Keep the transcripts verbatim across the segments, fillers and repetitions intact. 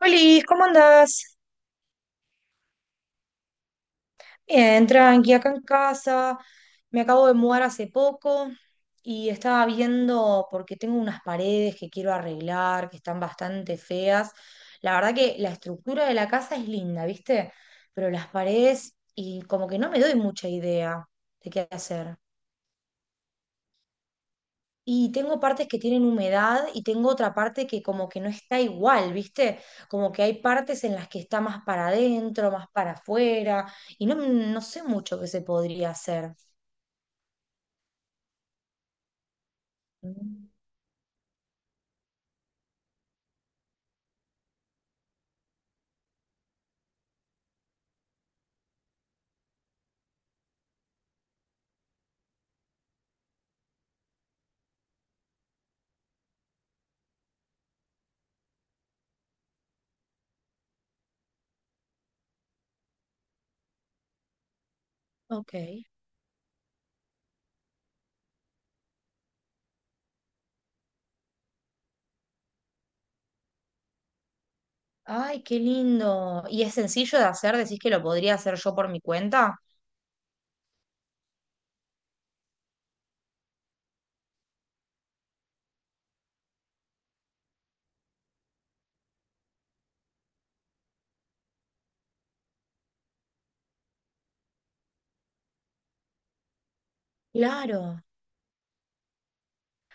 Hola, ¿cómo andás? Bien, tranqui, acá en casa. Me acabo de mudar hace poco y estaba viendo porque tengo unas paredes que quiero arreglar, que están bastante feas. La verdad que la estructura de la casa es linda, ¿viste? Pero las paredes y como que no me doy mucha idea de qué hacer. Y tengo partes que tienen humedad y tengo otra parte que como que no está igual, ¿viste? Como que hay partes en las que está más para adentro, más para afuera, y no, no sé mucho qué se podría hacer. Mm. Ok. Ay, qué lindo. ¿Y es sencillo de hacer? ¿Decís que lo podría hacer yo por mi cuenta? Claro.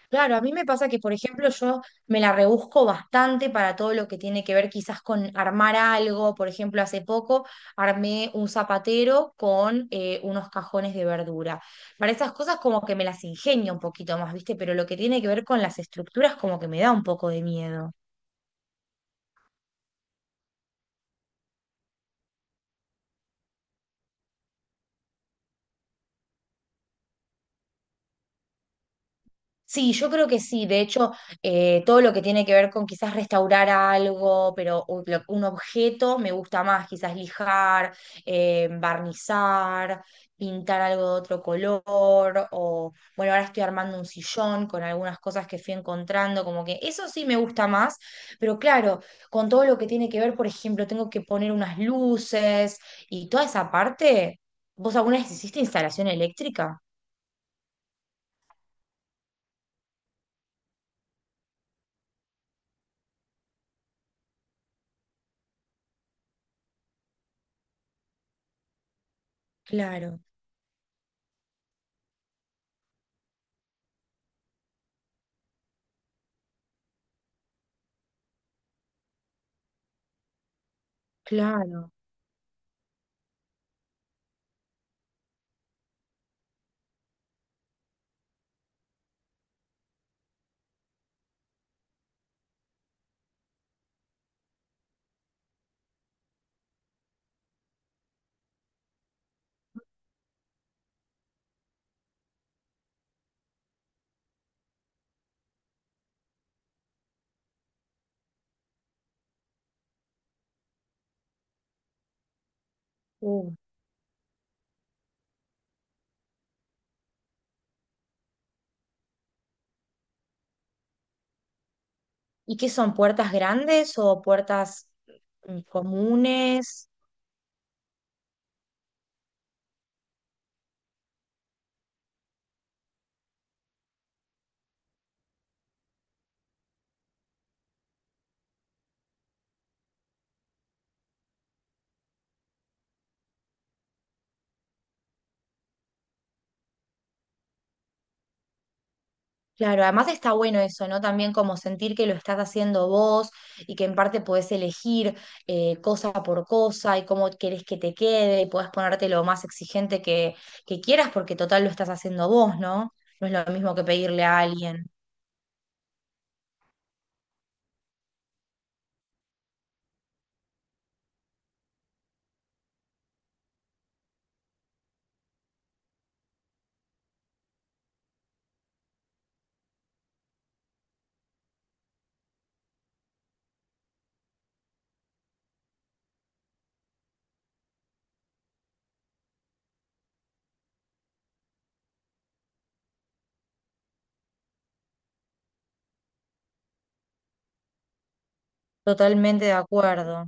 Claro, a mí me pasa que, por ejemplo, yo me la rebusco bastante para todo lo que tiene que ver quizás con armar algo. Por ejemplo, hace poco armé un zapatero con eh, unos cajones de verdura. Para esas cosas como que me las ingenio un poquito más, ¿viste? Pero lo que tiene que ver con las estructuras como que me da un poco de miedo. Sí, yo creo que sí. De hecho, eh, todo lo que tiene que ver con quizás restaurar algo, pero u- lo- un objeto me gusta más, quizás lijar, eh, barnizar, pintar algo de otro color, o bueno, ahora estoy armando un sillón con algunas cosas que fui encontrando, como que eso sí me gusta más, pero claro, con todo lo que tiene que ver, por ejemplo, tengo que poner unas luces y toda esa parte, ¿vos alguna vez hiciste instalación eléctrica? Claro, claro. Uh. ¿Y qué son? ¿Puertas grandes o puertas mm, comunes? Claro, además está bueno eso, ¿no? También como sentir que lo estás haciendo vos y que en parte podés elegir eh, cosa por cosa y cómo querés que te quede y podés ponerte lo más exigente que, que quieras porque total lo estás haciendo vos, ¿no? No es lo mismo que pedirle a alguien. Totalmente de acuerdo.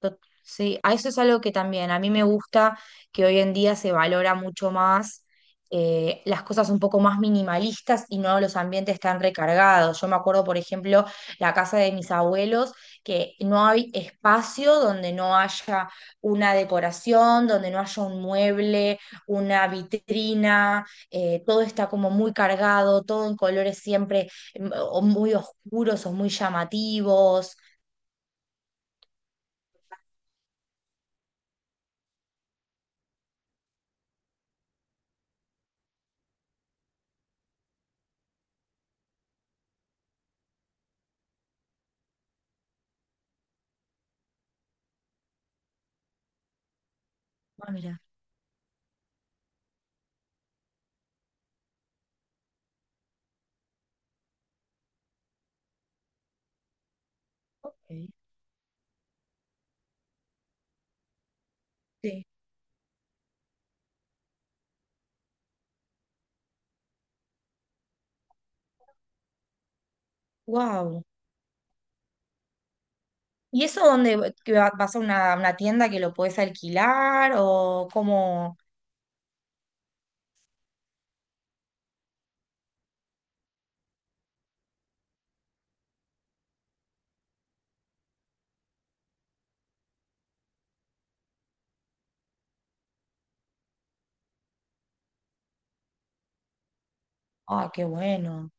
Tot- Sí, a eso es algo que también a mí me gusta, que hoy en día se valora mucho más eh, las cosas un poco más minimalistas y no los ambientes tan recargados. Yo me acuerdo, por ejemplo, la casa de mis abuelos, que no hay espacio donde no haya una decoración, donde no haya un mueble, una vitrina, eh, todo está como muy cargado, todo en colores siempre mm, o muy oscuros o muy llamativos. Ah, mira. Ok. Sí. Wow. ¿Y eso dónde que va- vas a una, una tienda que lo puedes alquilar o cómo? Ah, qué bueno.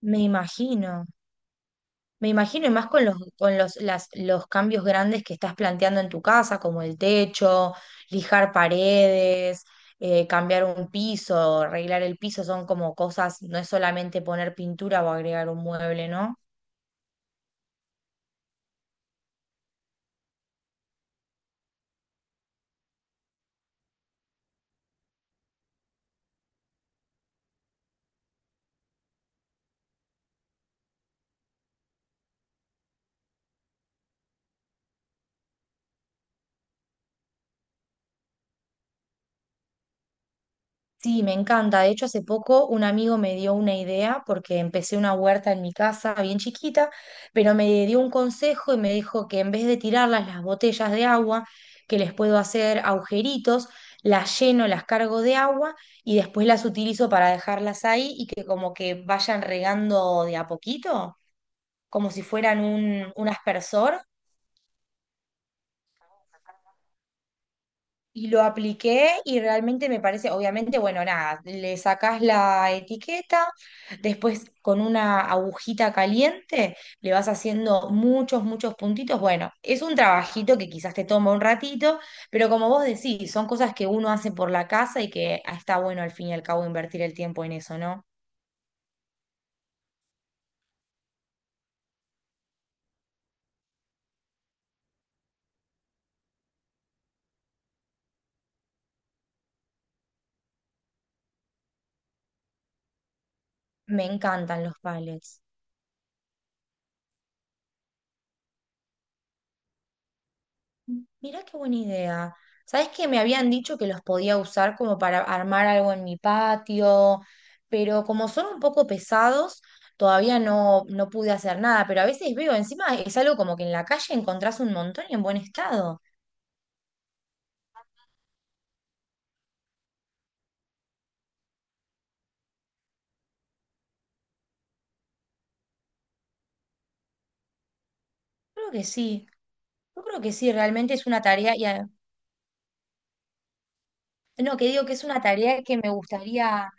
Me imagino. Me imagino y más con los con los las los cambios grandes que estás planteando en tu casa, como el techo, lijar paredes, eh, cambiar un piso, arreglar el piso, son como cosas, no es solamente poner pintura o agregar un mueble, ¿no? Sí, me encanta. De hecho, hace poco un amigo me dio una idea porque empecé una huerta en mi casa bien chiquita, pero me dio un consejo y me dijo que en vez de tirarlas las botellas de agua, que les puedo hacer agujeritos, las lleno, las cargo de agua y después las utilizo para dejarlas ahí y que como que vayan regando de a poquito, como si fueran un, un aspersor. Y lo apliqué y realmente me parece, obviamente, bueno, nada, le sacás la etiqueta, después con una agujita caliente le vas haciendo muchos, muchos puntitos. Bueno, es un trabajito que quizás te toma un ratito, pero como vos decís, son cosas que uno hace por la casa y que está bueno al fin y al cabo invertir el tiempo en eso, ¿no? Me encantan los palets. Mirá qué buena idea. Sabes que me habían dicho que los podía usar como para armar algo en mi patio, pero como son un poco pesados, todavía no, no pude hacer nada. Pero a veces veo, encima es algo como que en la calle encontrás un montón y en buen estado. Creo que sí. Yo creo que sí, realmente es una tarea. Y a- no, que digo que es una tarea que me gustaría.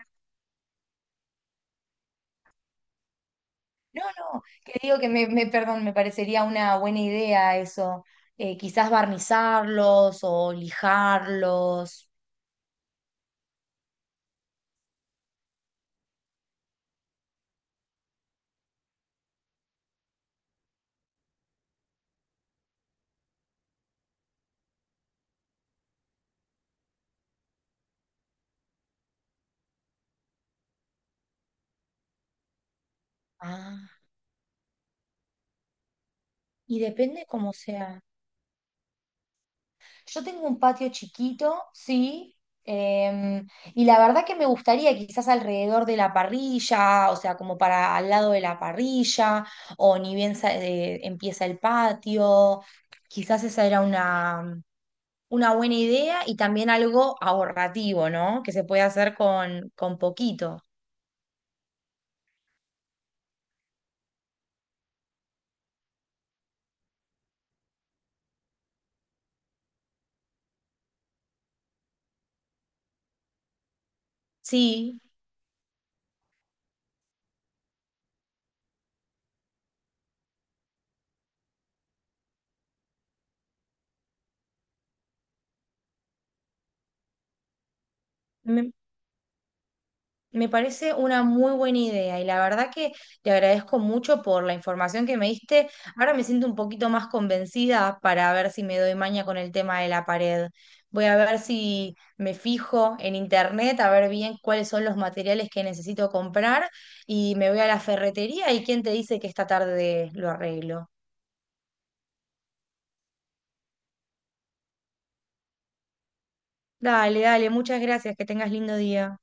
No, no, que digo que me, me, perdón, me parecería una buena idea eso. Eh, quizás barnizarlos o lijarlos. Ah, y depende cómo sea. Yo tengo un patio chiquito, sí, em, y la verdad que me gustaría quizás alrededor de la parrilla, o sea, como para al lado de la parrilla, o ni bien sa- eh, empieza el patio, quizás esa era una, una buena idea y también algo ahorrativo, ¿no? Que se puede hacer con, con poquito. Sí, me parece una muy buena idea y la verdad que te agradezco mucho por la información que me diste. Ahora me siento un poquito más convencida para ver si me doy maña con el tema de la pared. Voy a ver si me fijo en internet, a ver bien cuáles son los materiales que necesito comprar y me voy a la ferretería y quién te dice que esta tarde lo arreglo. Dale, dale, muchas gracias, que tengas lindo día.